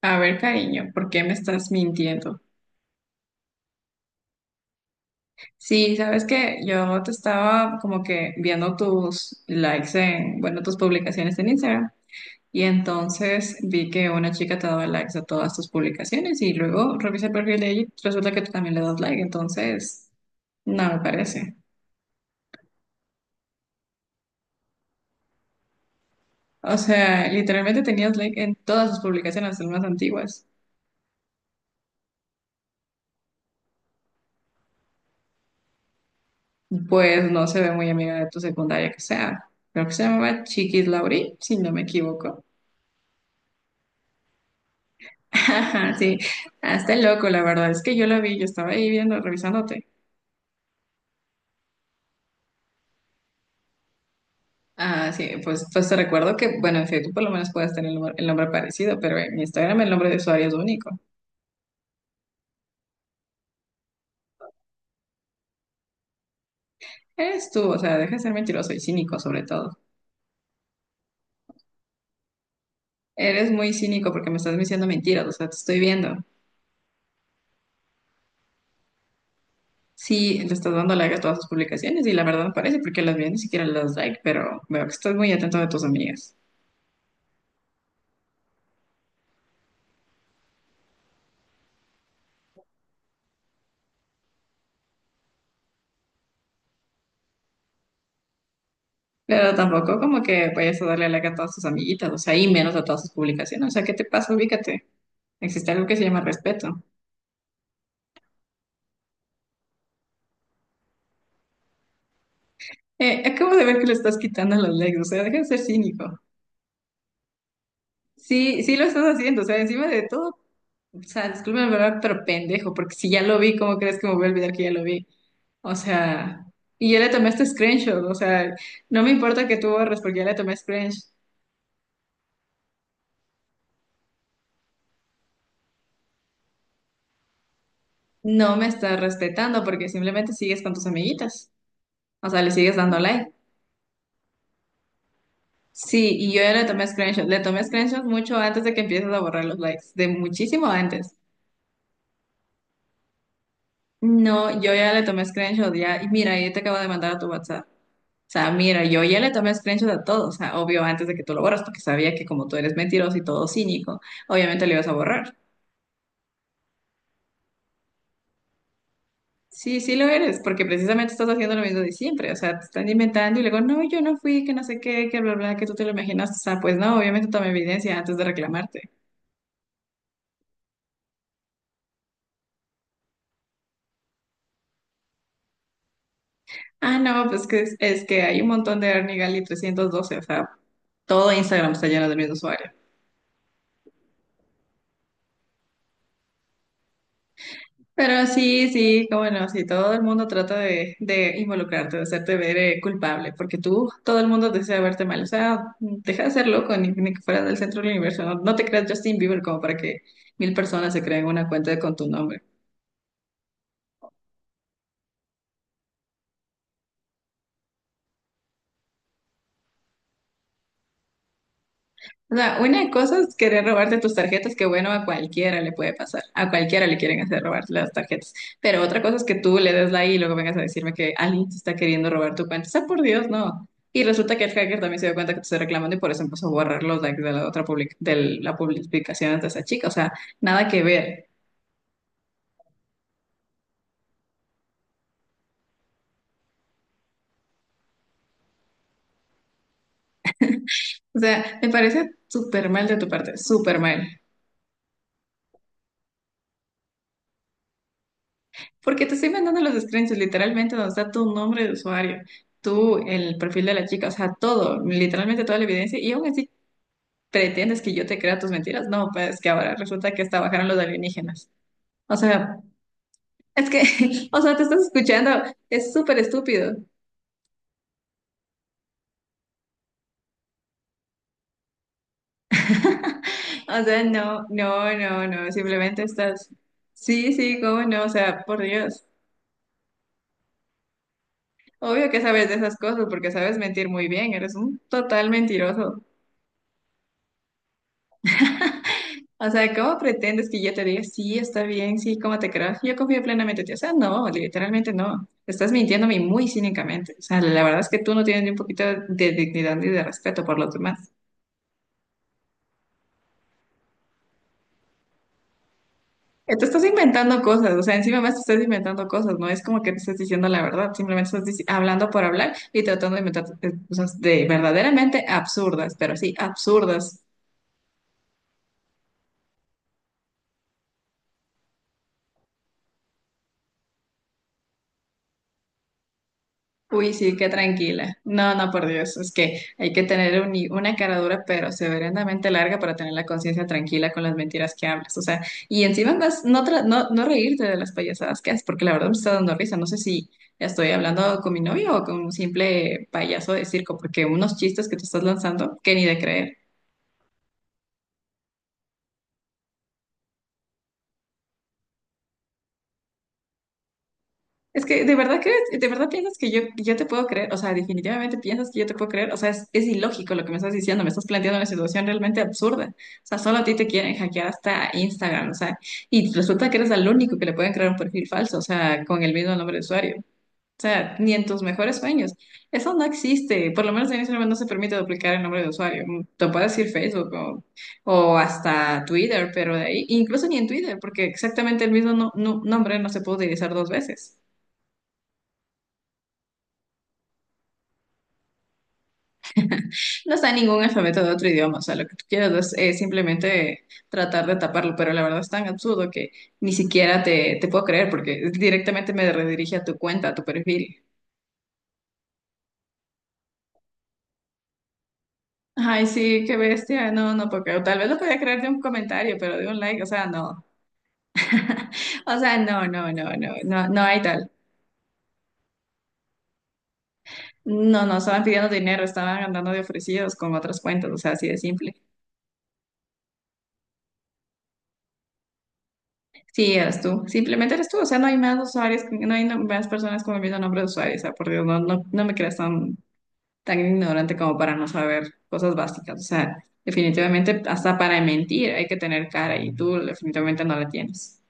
A ver, cariño, ¿por qué me estás mintiendo? Sí, sabes que yo te estaba como que viendo tus likes en, bueno, tus publicaciones en Instagram y entonces vi que una chica te daba likes a todas tus publicaciones y luego revisé el perfil de ella y resulta que tú también le das like, entonces no me parece. O sea, literalmente tenías like en todas tus publicaciones, hasta las más antiguas. Pues no se ve muy amiga de tu secundaria que sea. Creo que se llamaba Chiquis Lauri, si no me equivoco. Ajá, sí, ah, está loco, la verdad es que yo la vi, yo estaba ahí viendo, revisándote. Ah, sí, pues te recuerdo que, bueno, en Facebook por lo menos puedes tener el nombre parecido, pero en Instagram el nombre de usuario es único. Eres tú, o sea, deja de ser mentiroso y cínico sobre todo. Eres muy cínico porque me estás diciendo mentiras, o sea, te estoy viendo. Sí, le estás dando like a todas tus publicaciones y la verdad no parece porque las vi ni siquiera las like, pero veo que estás muy atento de tus amigas. Pero tampoco como que vayas a darle like a todas tus amiguitas, o sea, y menos a todas sus publicaciones. O sea, ¿qué te pasa? Ubícate. Existe algo que se llama respeto. Acabo de ver que le estás quitando los likes, o sea, deja de ser cínico. Sí, sí lo estás haciendo, o sea, encima de todo, o sea, disculpen la verdad, pero pendejo, porque si ya lo vi, ¿cómo crees que me voy a olvidar que ya lo vi? O sea, y ya le tomé este screenshot, o sea, no me importa que tú borres porque ya le tomé screenshot. No me estás respetando porque simplemente sigues con tus amiguitas, o sea, le sigues dando like. Sí, y yo ya le tomé screenshots. Le tomé screenshots mucho antes de que empieces a borrar los likes, de muchísimo antes. No, yo ya le tomé screenshot ya. Y mira, yo te acabo de mandar a tu WhatsApp. O sea, mira, yo ya le tomé screenshot a todo. O sea, obvio, antes de que tú lo borras, porque sabía que como tú eres mentiroso y todo cínico, obviamente lo ibas a borrar. Sí, sí lo eres, porque precisamente estás haciendo lo mismo de siempre. O sea, te están inventando y luego, no, yo no fui, que no sé qué, que bla, bla, que tú te lo imaginas. O sea, pues no, obviamente tomé evidencia antes de reclamarte. Ah, no, pues que es que hay un montón de Ernie Gali 312, o sea, todo Instagram está lleno del mismo usuario. Pero sí, sí, cómo no, sí, todo el mundo trata de involucrarte, de hacerte ver culpable, porque tú, todo el mundo desea verte mal, o sea, deja de ser loco, ni, ni que fueras del centro del universo, no, no te creas Justin Bieber como para que 1000 personas se creen una cuenta con tu nombre. O sea, una cosa es querer robarte tus tarjetas, que bueno, a cualquiera le puede pasar, a cualquiera le quieren hacer robar las tarjetas, pero otra cosa es que tú le des la I y luego vengas a decirme que alguien te está queriendo robar tu cuenta. O sea, por Dios, no. Y resulta que el hacker también se dio cuenta que te estoy reclamando y por eso empezó a borrar los likes de la otra de la publicación de esa chica. O sea, nada que ver. O sea, me parece súper mal de tu parte, súper mal. Porque te estoy mandando los screenshots, literalmente donde está tu nombre de usuario, tú, el perfil de la chica, o sea, todo, literalmente toda la evidencia, y aún así pretendes que yo te crea tus mentiras. No, pues que ahora resulta que hasta bajaron los alienígenas. O sea, es que, o sea, te estás escuchando, es súper estúpido. O sea, no, no, no, no, simplemente estás, sí, sí, cómo no, o sea, por Dios. Obvio que sabes de esas cosas porque sabes mentir muy bien, eres un total mentiroso. O sea, ¿cómo pretendes que yo te diga, sí, está bien, sí, cómo te creo? Yo confío plenamente en ti. O sea, no, literalmente no. Estás mintiéndome muy cínicamente. O sea, la verdad es que tú no tienes ni un poquito de dignidad ni de respeto por los demás. Te estás inventando cosas, o sea, encima más te estás inventando cosas, no es como que te estás diciendo la verdad, simplemente estás hablando por hablar y tratando de inventar cosas de verdaderamente absurdas, pero sí, absurdas. Uy, sí, qué tranquila. No, no, por Dios, es que hay que tener una cara dura, pero severamente larga para tener la conciencia tranquila con las mentiras que hablas. O sea, y encima más no, no, no reírte de las payasadas que haces, porque la verdad me está dando risa. No sé si estoy hablando con mi novio o con un simple payaso de circo, porque unos chistes que te estás lanzando, que ni de creer. Es que, de verdad piensas que yo te puedo creer, o sea, definitivamente piensas que yo te puedo creer, o sea, es ilógico lo que me estás diciendo, me estás planteando una situación realmente absurda, o sea, solo a ti te quieren hackear hasta Instagram, o sea, y resulta que eres el único que le pueden crear un perfil falso, o sea, con el mismo nombre de usuario, o sea, ni en tus mejores sueños, eso no existe, por lo menos en Instagram no se permite duplicar el nombre de usuario, te puedes decir Facebook o hasta Twitter, pero de ahí, incluso ni en Twitter, porque exactamente el mismo nombre no se puede utilizar dos veces. No está ningún alfabeto de otro idioma, o sea, lo que tú quieras es, simplemente tratar de taparlo, pero la verdad es tan absurdo que ni siquiera te, te puedo creer porque directamente me redirige a tu cuenta, a tu perfil. Ay, sí, qué bestia, no, no, porque tal vez lo podía creer de un comentario, pero de un like, o sea, no. O sea, no, no, no, no, no, no hay tal. No, no, estaban pidiendo dinero, estaban andando de ofrecidos con otras cuentas, o sea, así de simple. Sí, eres tú. Simplemente eres tú. O sea, no hay más usuarios, no hay más personas con el mismo nombre de usuario. O sea, por Dios, no, no, no me creas tan, tan ignorante como para no saber cosas básicas. O sea, definitivamente hasta para mentir hay que tener cara y tú definitivamente no la tienes.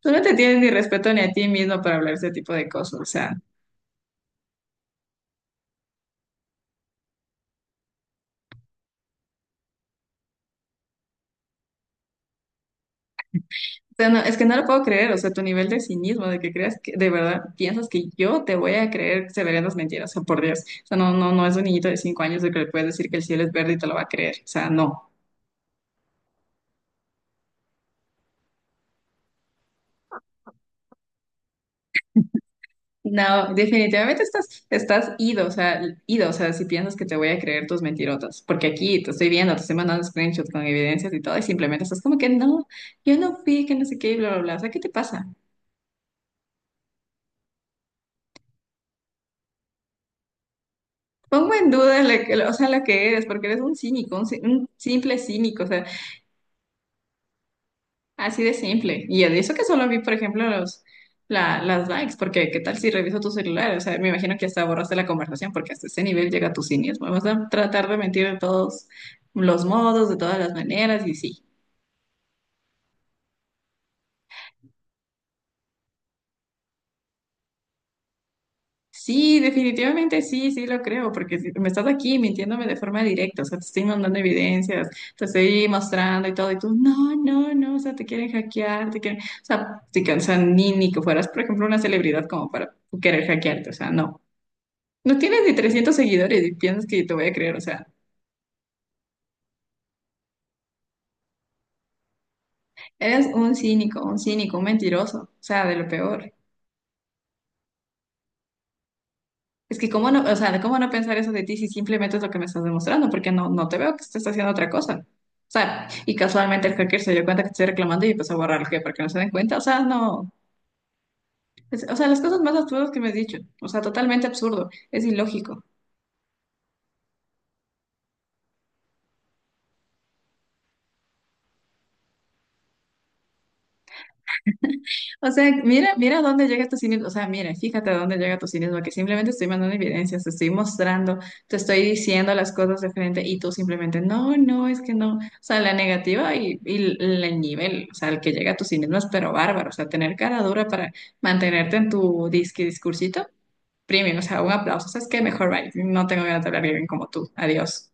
Tú no te tienes ni respeto ni a ti mismo para hablar ese tipo de cosas. O sea, es que no lo puedo creer. O sea, tu nivel de cinismo, de que creas que de verdad piensas que yo te voy a creer severas mentiras. O sea, por Dios. O sea, no, no, no es un niñito de 5 años el que le puedes decir que el cielo es verde y te lo va a creer. O sea, no. No, definitivamente estás, estás ido, o sea, si piensas que te voy a creer tus mentirotas, porque aquí te estoy viendo, te estoy mandando screenshots con evidencias y todo, y simplemente estás como que no, yo no fui, que no sé qué, y bla, bla, bla, o sea, ¿qué te pasa? Pongo en duda, o sea, la que eres, porque eres un cínico, un simple cínico, así de simple. Y de eso que solo vi, por ejemplo, los, las likes, porque qué tal si reviso tu celular, o sea, me imagino que hasta borraste la conversación, porque hasta ese nivel llega tu cinismo. Vamos a tratar de mentir de todos los modos, de todas las maneras, y sí. Sí, definitivamente sí, sí lo creo, porque me estás aquí mintiéndome de forma directa, o sea, te estoy mandando evidencias, te estoy mostrando y todo, y tú, no, no, no, o sea, te quieren hackear, te quieren, o sea, te cansan ni, ni que fueras, por ejemplo, una celebridad como para querer hackearte, o sea, no. No tienes ni 300 seguidores y piensas que te voy a creer, o sea, eres un cínico, un cínico, un mentiroso, o sea, de lo peor. Es que cómo no, o sea, cómo no pensar eso de ti si simplemente es lo que me estás demostrando, porque no, no te veo que estés haciendo otra cosa. O sea, y casualmente el hacker se dio cuenta que te estoy reclamando y empezó a borrar el que para que no se den cuenta. O sea, no. O sea, las cosas más absurdas que me has dicho. O sea, totalmente absurdo. Es ilógico. O sea, mira, mira dónde llega tu cinismo. O sea, mira, fíjate dónde llega tu cinismo, que simplemente estoy mandando evidencias, te estoy mostrando, te estoy diciendo las cosas de frente y tú simplemente, no, no, es que no. O sea, la negativa y el nivel, o sea, el que llega a tu cinismo es pero bárbaro. O sea, tener cara dura para mantenerte en tu disque discursito, premium, o sea, un aplauso. O sea, es que mejor, bye. No tengo ganas de hablar bien como tú. Adiós.